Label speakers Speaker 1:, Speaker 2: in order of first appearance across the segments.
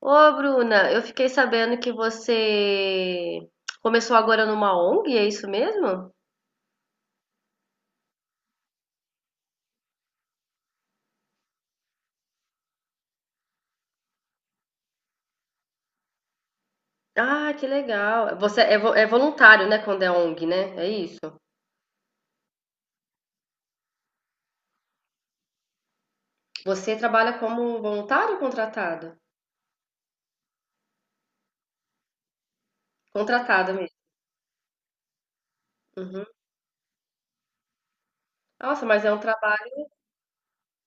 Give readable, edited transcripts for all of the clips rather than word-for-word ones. Speaker 1: Ô, Bruna, eu fiquei sabendo que você começou agora numa ONG, é isso mesmo? Ah, que legal. Você é voluntário, né, quando é ONG, né? É isso? Você trabalha como voluntário ou contratado? Contratada mesmo. Uhum. Nossa, mas é um trabalho.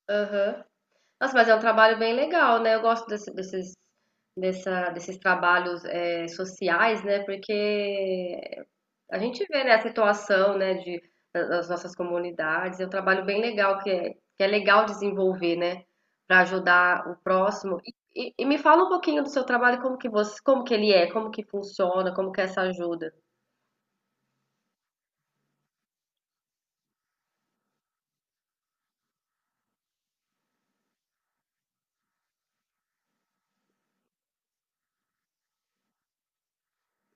Speaker 1: Aham. Nossa, mas é um trabalho bem legal, né? Eu gosto desses, desses trabalhos sociais, né? Porque a gente vê, né, a situação, né, de, das nossas comunidades. É um trabalho bem legal que é legal desenvolver, né, para ajudar o próximo. E me fala um pouquinho do seu trabalho, como que você, como que ele é, como que funciona, como que é essa ajuda.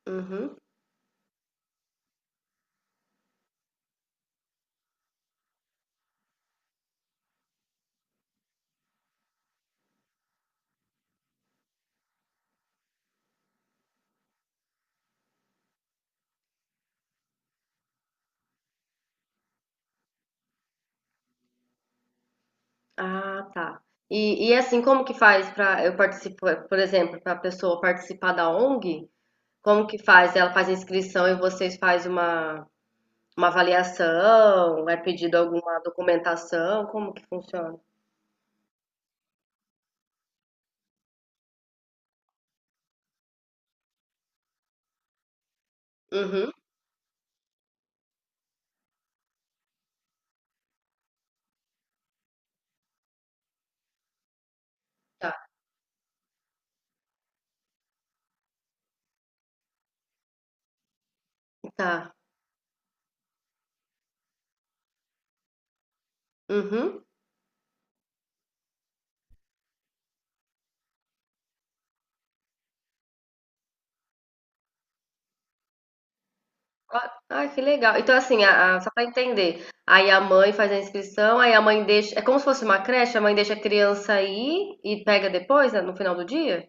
Speaker 1: Uhum. Ah, tá. E assim, como que faz para eu participar, por exemplo, para a pessoa participar da ONG? Como que faz? Ela faz a inscrição e vocês fazem uma avaliação? É pedido alguma documentação? Como que funciona? Uhum. Tá, tá. Uhum. Ah, ah, que legal. Então, assim, só para entender, aí a mãe faz a inscrição, aí a mãe deixa. É como se fosse uma creche, a mãe deixa a criança ir e pega depois, né, no final do dia?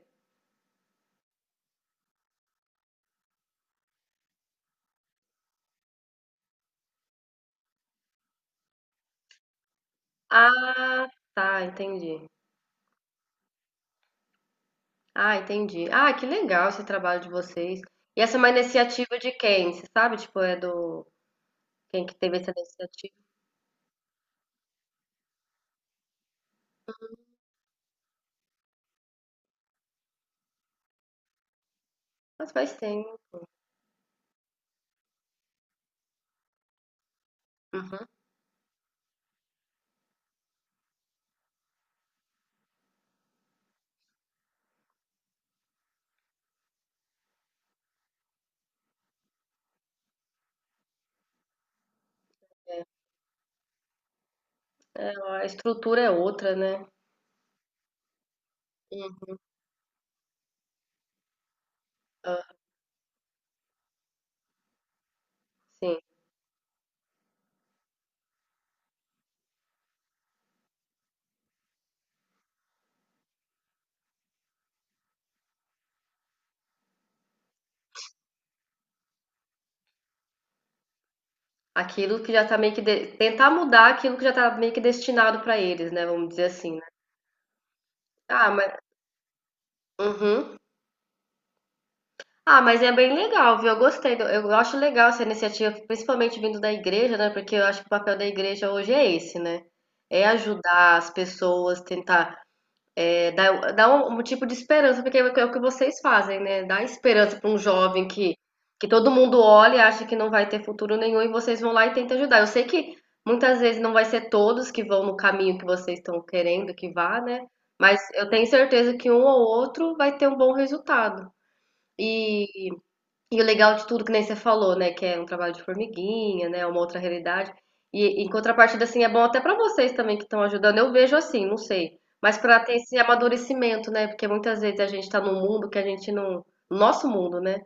Speaker 1: Ah, tá, entendi. Ah, entendi. Ah, que legal esse trabalho de vocês. E essa é uma iniciativa de quem? Você sabe? Tipo, é do. Quem que teve essa iniciativa? Mas faz tempo. Uhum. É, É, a estrutura é outra, né? Uhum. Ah, sim. Aquilo que já tá meio que de tentar mudar aquilo que já tá meio que destinado pra eles, né, vamos dizer assim, né. Ah, mas uhum. Ah, mas é bem legal, viu, eu gostei do eu acho legal essa iniciativa, principalmente vindo da igreja, né, porque eu acho que o papel da igreja hoje é esse, né, é ajudar as pessoas, tentar. É, dá um, um tipo de esperança, porque é o que vocês fazem, né? Dá esperança para um jovem que todo mundo olha e acha que não vai ter futuro nenhum e vocês vão lá e tentam ajudar. Eu sei que muitas vezes não vai ser todos que vão no caminho que vocês estão querendo que vá, né? Mas eu tenho certeza que um ou outro vai ter um bom resultado. E e o legal de tudo, que nem você falou, né, que é um trabalho de formiguinha, né, uma outra realidade. E em contrapartida, assim, é bom até pra vocês também que estão ajudando. Eu vejo assim, não sei. Mas pra ter esse amadurecimento, né? Porque muitas vezes a gente tá num mundo que a gente não. Nosso mundo, né?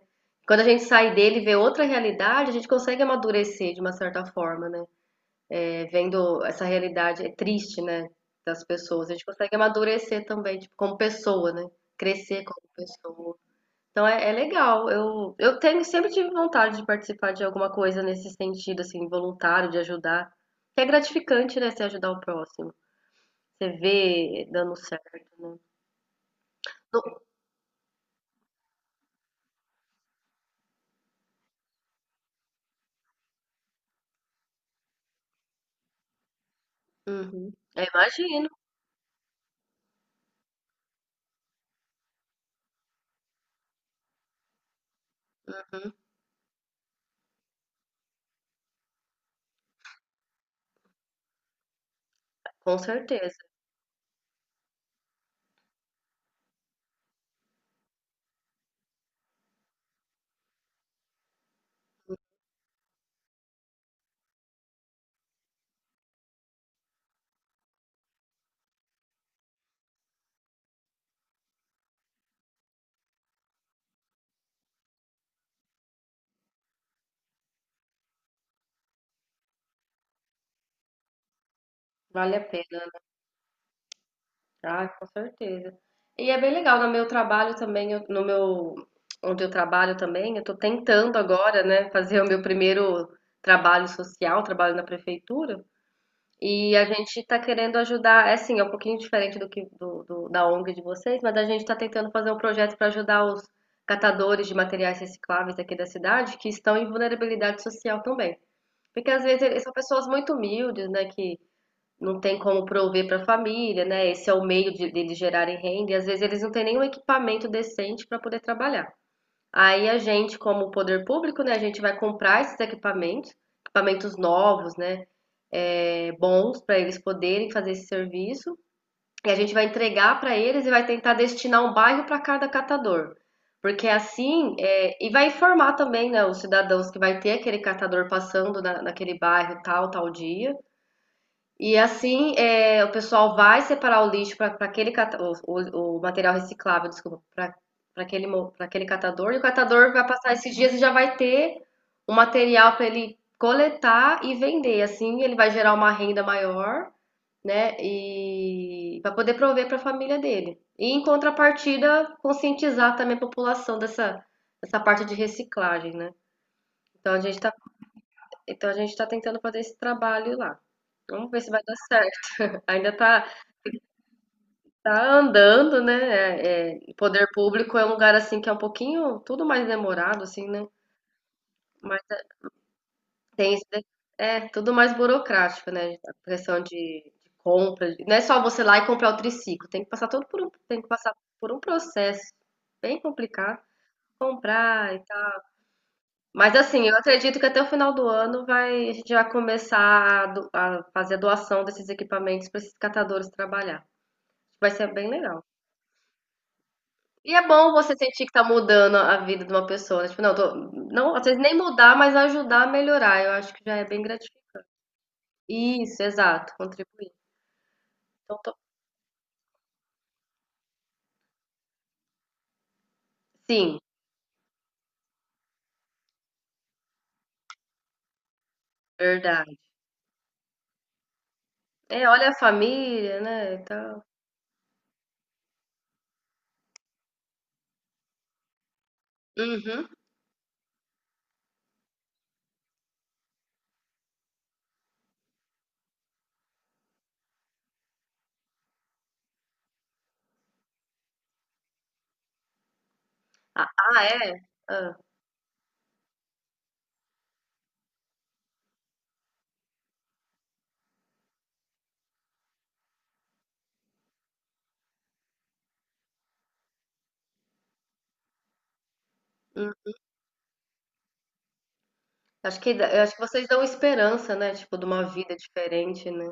Speaker 1: Quando a gente sai dele e vê outra realidade, a gente consegue amadurecer de uma certa forma, né? É, vendo essa realidade é triste, né? Das pessoas. A gente consegue amadurecer também, tipo, como pessoa, né? Crescer como pessoa. Então é legal. Eu tenho, sempre tive vontade de participar de alguma coisa nesse sentido, assim, voluntário, de ajudar. Que é gratificante, né? Você ajudar o próximo. Você vê dando certo, né? No- Uhum. Eu imagino. Uhum. Com certeza. Vale a pena. Ah, com certeza. E é bem legal. No meu trabalho também, eu- no meu, onde eu trabalho também, eu tô tentando agora, né, fazer o meu primeiro trabalho social, trabalho na prefeitura. E a gente está querendo ajudar, é assim, é um pouquinho diferente do que da ONG de vocês, mas a gente está tentando fazer um projeto para ajudar os catadores de materiais recicláveis aqui da cidade que estão em vulnerabilidade social também. Porque às vezes eles são pessoas muito humildes, né, que não tem como prover para a família, né? Esse é o meio deles gerarem renda, e às vezes eles não têm nenhum equipamento decente para poder trabalhar. Aí a gente, como poder público, né, a gente vai comprar esses equipamentos, equipamentos novos, né, bons para eles poderem fazer esse serviço. E a gente vai entregar para eles e vai tentar destinar um bairro para cada catador. Porque assim, e vai informar também, né, os cidadãos que vai ter aquele catador passando naquele bairro tal, tal dia. E assim, o pessoal vai separar o lixo para aquele o material reciclável, desculpa, para aquele, mo- pra aquele catador, e o catador vai passar esses dias e já vai ter o material para ele coletar e vender. Assim, ele vai gerar uma renda maior, né? E para poder prover para a família dele. E em contrapartida, conscientizar também a população dessa parte de reciclagem, né? Então a gente tá, então a gente tá tentando fazer esse trabalho lá. Vamos ver se vai dar certo. Ainda tá, Tá andando, né? É, poder público é um lugar assim que é um pouquinho tudo mais demorado, assim, né? Mas tem esse de- é tudo mais burocrático, né? A questão de compra, não é só você lá e comprar o triciclo, tem que passar por um processo bem complicado, comprar e tal. Mas assim, eu acredito que até o final do ano a gente vai começar a fazer a doação desses equipamentos para esses catadores trabalhar. Vai ser bem legal. E é bom você sentir que tá mudando a vida de uma pessoa, né, tipo, não, às vezes nem mudar, mas ajudar a melhorar, eu acho que já é bem gratificante. Isso, exato, contribuir. Então tô, sim, verdade. É, olha a família, né, e tal. Uhum. Ah, ah, é? Hã. Hum. Acho que eu acho que vocês dão esperança, né, tipo, de uma vida diferente, né.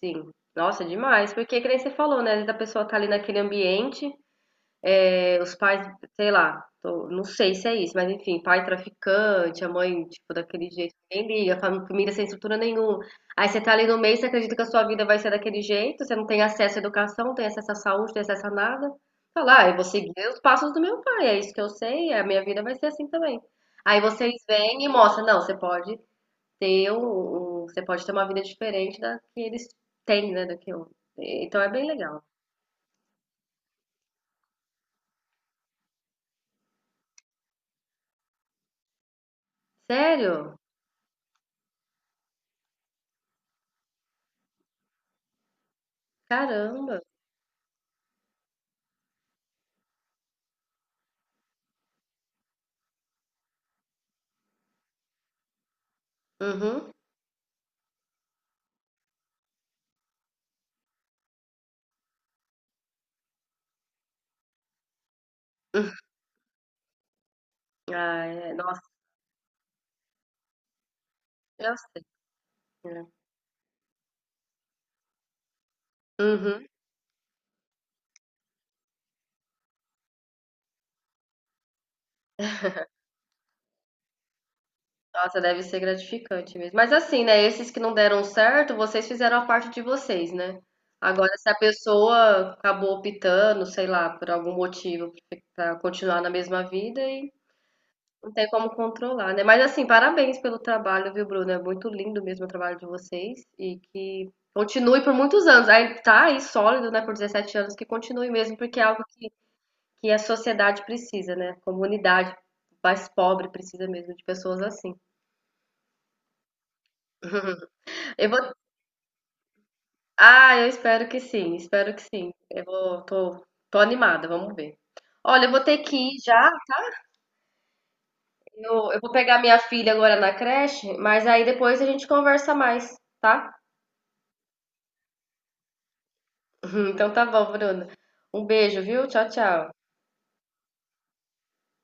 Speaker 1: Sim. Nossa, demais, porque que nem você falou, né, às vezes a pessoa tá ali naquele ambiente. É, os pais, sei lá, não sei se é isso, mas enfim, pai traficante, a mãe, tipo, daquele jeito, nem liga, família sem estrutura nenhuma. Aí você tá ali no meio, você acredita que a sua vida vai ser daquele jeito, você não tem acesso à educação, não tem acesso à saúde, não tem acesso a nada. Fala, ah, eu vou seguir os passos do meu pai, é isso que eu sei, é, a minha vida vai ser assim também. Aí vocês vêm e mostram, não, você pode ter uma vida diferente da que eles têm, né, da que eu. Então é bem legal. Sério? Caramba. Uhum. Ah, é. Nossa, eu sei, né. Uhum. Nossa, deve ser gratificante mesmo. Mas assim, né, esses que não deram certo, vocês fizeram a parte de vocês, né. Agora se a pessoa acabou optando, sei lá, por algum motivo pra continuar na mesma vida e não tem como controlar, né. Mas assim, parabéns pelo trabalho, viu, Bruno, é muito lindo mesmo o trabalho de vocês e que continue por muitos anos. Aí tá aí sólido, né, por 17 anos, que continue mesmo, porque é algo que a sociedade precisa, né? A comunidade mais pobre precisa mesmo de pessoas assim. Eu vou. Ah, eu espero que sim, espero que sim. Eu vou, tô animada, vamos ver. Olha, eu vou ter que ir já. Eu vou pegar minha filha agora na creche, mas aí depois a gente conversa mais, tá? Então tá bom, Bruna. Um beijo, viu? Tchau, tchau.